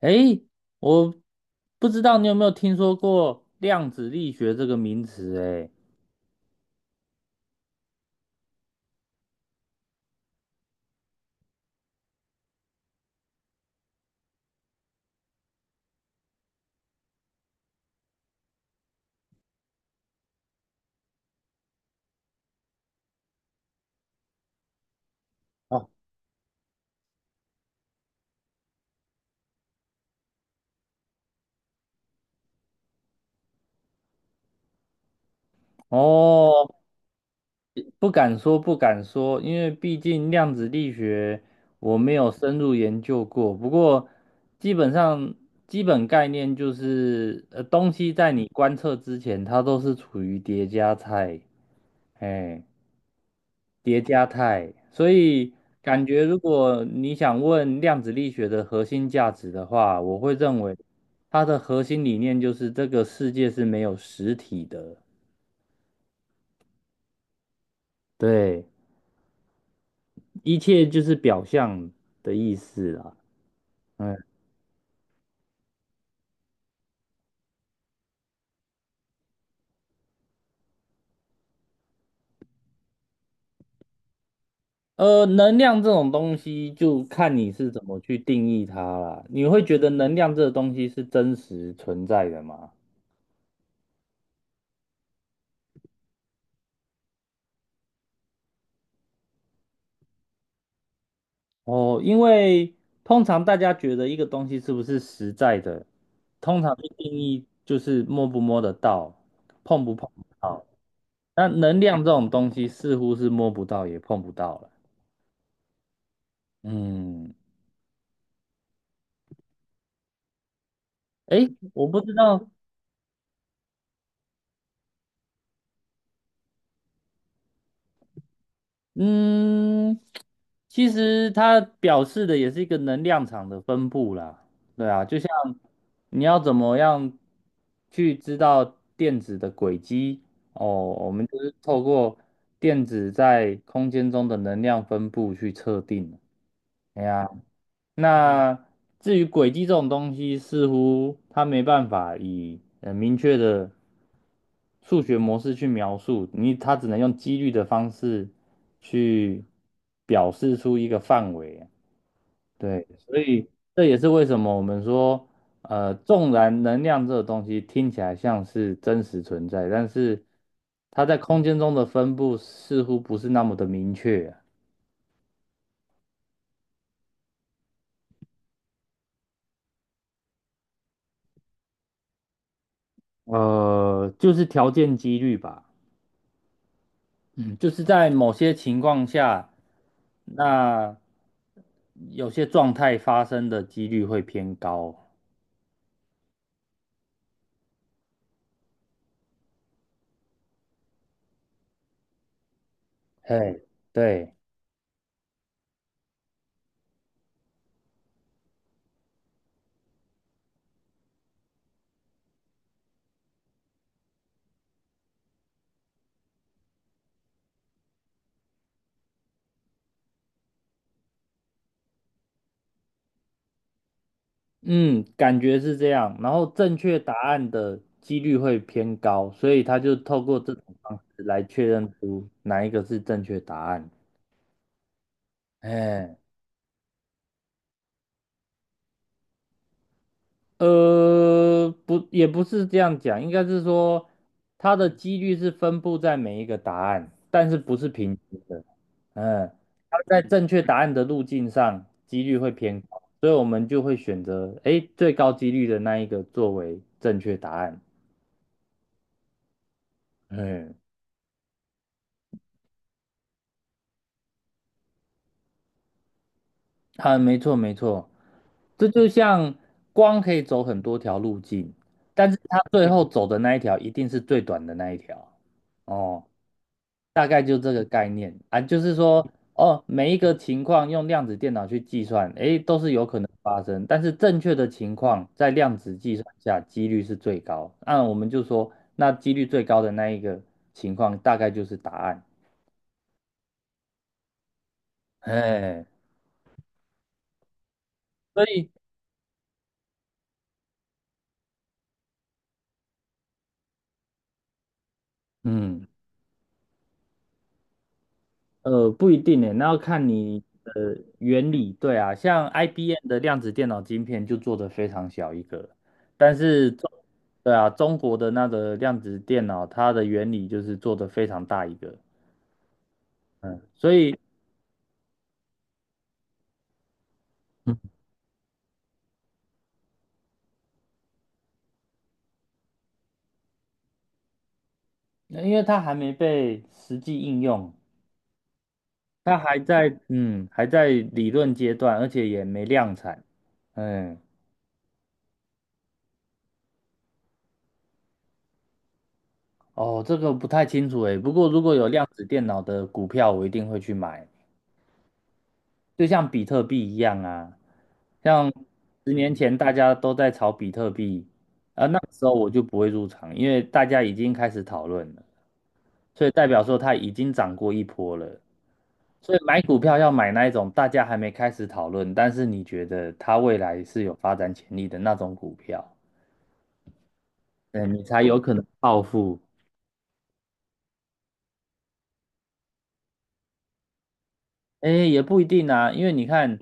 诶，我不知道你有没有听说过量子力学这个名词？诶，哦，哦，不敢说，不敢说，因为毕竟量子力学我没有深入研究过。不过，基本上基本概念就是，东西在你观测之前，它都是处于叠加态。哎。叠加态，所以感觉如果你想问量子力学的核心价值的话，我会认为它的核心理念就是这个世界是没有实体的，对，一切就是表象的意思啦。嗯，能量这种东西就看你是怎么去定义它啦。你会觉得能量这个东西是真实存在的吗？哦，因为通常大家觉得一个东西是不是实在的，通常的定义就是摸不摸得到，碰不碰得到。那能量这种东西似乎是摸不到也碰不到了。嗯，诶，我不知道。嗯，其实它表示的也是一个能量场的分布啦，对啊，就像你要怎么样去知道电子的轨迹哦，我们就是透过电子在空间中的能量分布去测定。哎呀。那至于轨迹这种东西，似乎它没办法以明确的数学模式去描述，你它只能用几率的方式去表示出一个范围啊。对，所以这也是为什么我们说，纵然能量这个东西听起来像是真实存在，但是它在空间中的分布似乎不是那么的明确啊。就是条件几率吧。嗯，就是在某些情况下，那有些状态发生的几率会偏高。嘿，对，嗯，感觉是这样。然后正确答案的几率会偏高，所以他就透过这种方式来确认出哪一个是正确答案。哎，不，也不是这样讲，应该是说它的几率是分布在每一个答案，但是不是平均的。嗯，它在正确答案的路径上，几率会偏高，所以我们就会选择诶最高几率的那一个作为正确答案。嗯，啊，没错没错，这就像光可以走很多条路径，但是它最后走的那一条一定是最短的那一条。哦。大概就这个概念啊，就是说，哦，每一个情况用量子电脑去计算，诶，都是有可能发生，但是正确的情况在量子计算下几率是最高。那我们就说，那几率最高的那一个情况大概就是答案。哎，所以，嗯。不一定诶，那要看你的原理。对啊，像 IBM 的量子电脑晶片就做得非常小一个，但是中，对啊，中国的那个量子电脑，它的原理就是做得非常大一个。嗯，所以嗯，因为它还没被实际应用，它还在还在理论阶段，而且也没量产。嗯，哦，这个不太清楚诶，不过如果有量子电脑的股票，我一定会去买。就像比特币一样啊，像10年前大家都在炒比特币，那时候我就不会入场，因为大家已经开始讨论了，所以代表说它已经涨过一波了。所以买股票要买那一种大家还没开始讨论，但是你觉得它未来是有发展潜力的那种股票，嗯，你才有可能暴富。哎，也不一定啊，因为你看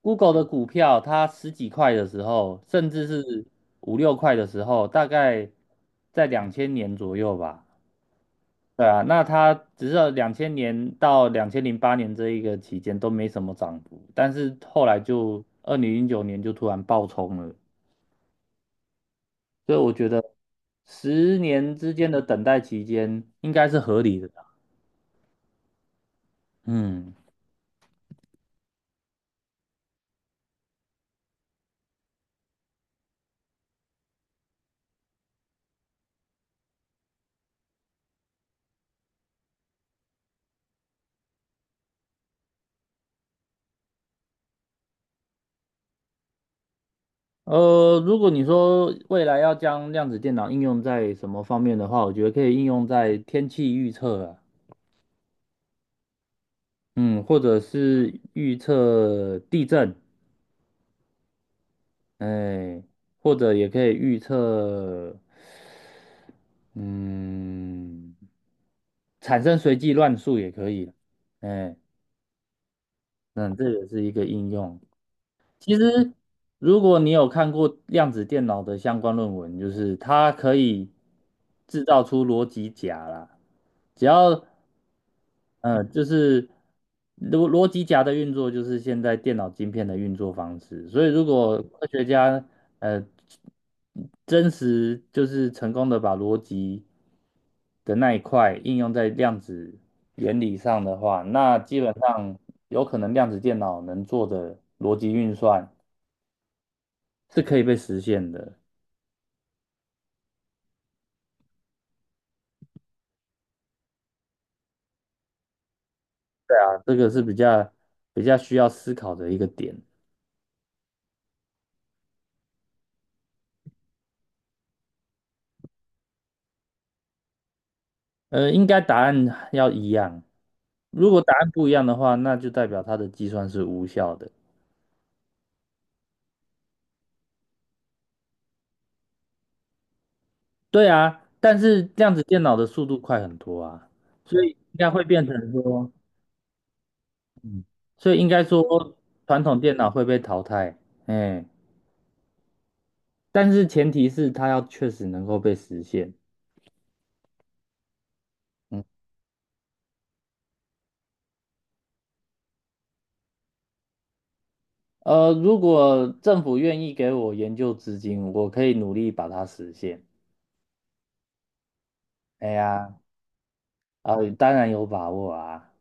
，Google 的股票，它十几块的时候，甚至是5、6块的时候，大概在两千年左右吧。对啊，那它只是2000年到2008年这一个期间都没什么涨幅，但是后来就2009年就突然暴冲了，所以我觉得10年之间的等待期间应该是合理的啦。嗯，如果你说未来要将量子电脑应用在什么方面的话，我觉得可以应用在天气预测啊，嗯，或者是预测地震，哎，或者也可以预测，嗯，产生随机乱数也可以，哎，嗯，这也是一个应用。其实，如果你有看过量子电脑的相关论文，就是它可以制造出逻辑闸啦。只要，就是逻辑闸的运作，就是现在电脑晶片的运作方式。所以，如果科学家呃真实就是成功的把逻辑的那一块应用在量子原理上的话，那基本上有可能量子电脑能做的逻辑运算。是可以被实现的啊，这个是比较比较需要思考的一个点。应该答案要一样，如果答案不一样的话，那就代表它的计算是无效的。对啊，但是量子电脑的速度快很多啊，所以应该会变成说，嗯，所以应该说传统电脑会被淘汰，哎，但是前提是它要确实能够被实现。嗯，如果政府愿意给我研究资金，我可以努力把它实现。哎呀。啊，当然有把握啊，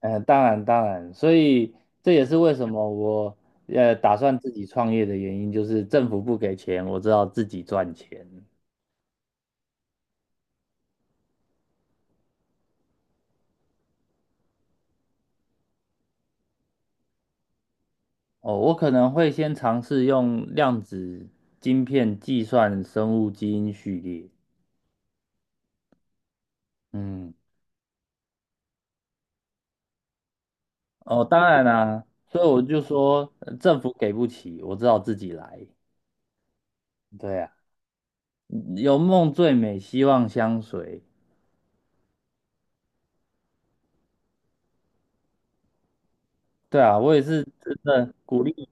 当然当然，所以这也是为什么我打算自己创业的原因，就是政府不给钱，我知道自己赚钱。哦，我可能会先尝试用量子晶片计算生物基因序列。嗯，哦，当然啦、所以我就说，政府给不起，我只好自己来。对啊，有梦最美，希望相随。对啊，我也是真的鼓励。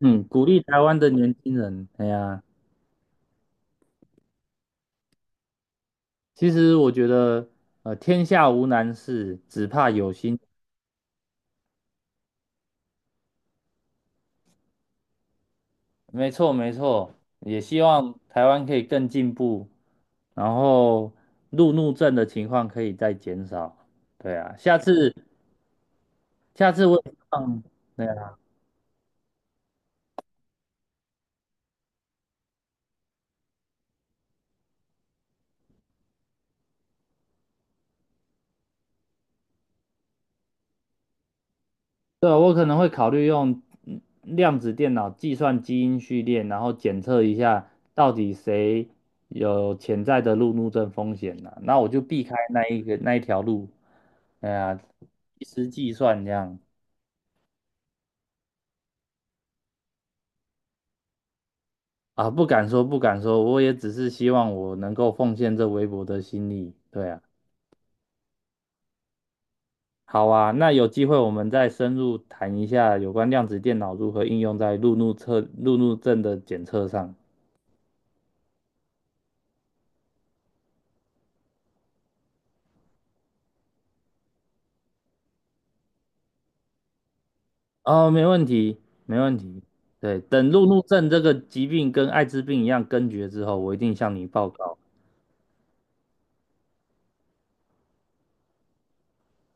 嗯，鼓励台湾的年轻人。哎呀，其实我觉得，天下无难事，只怕有心。没错，没错。也希望台湾可以更进步，然后路怒症的情况可以再减少。对啊，下次，下次我也对。望，对啊，我可能会考虑用量子电脑计算基因序列，然后检测一下到底谁有潜在的路怒症风险呢？那我就避开那一条路。哎呀，一时计算这样啊，不敢说不敢说，我也只是希望我能够奉献这微薄的心力。对啊，好啊，那有机会我们再深入谈一下有关量子电脑如何应用在路怒症的检测上。哦，没问题，没问题。对，等路怒症这个疾病跟艾滋病一样根绝之后，我一定向你报告。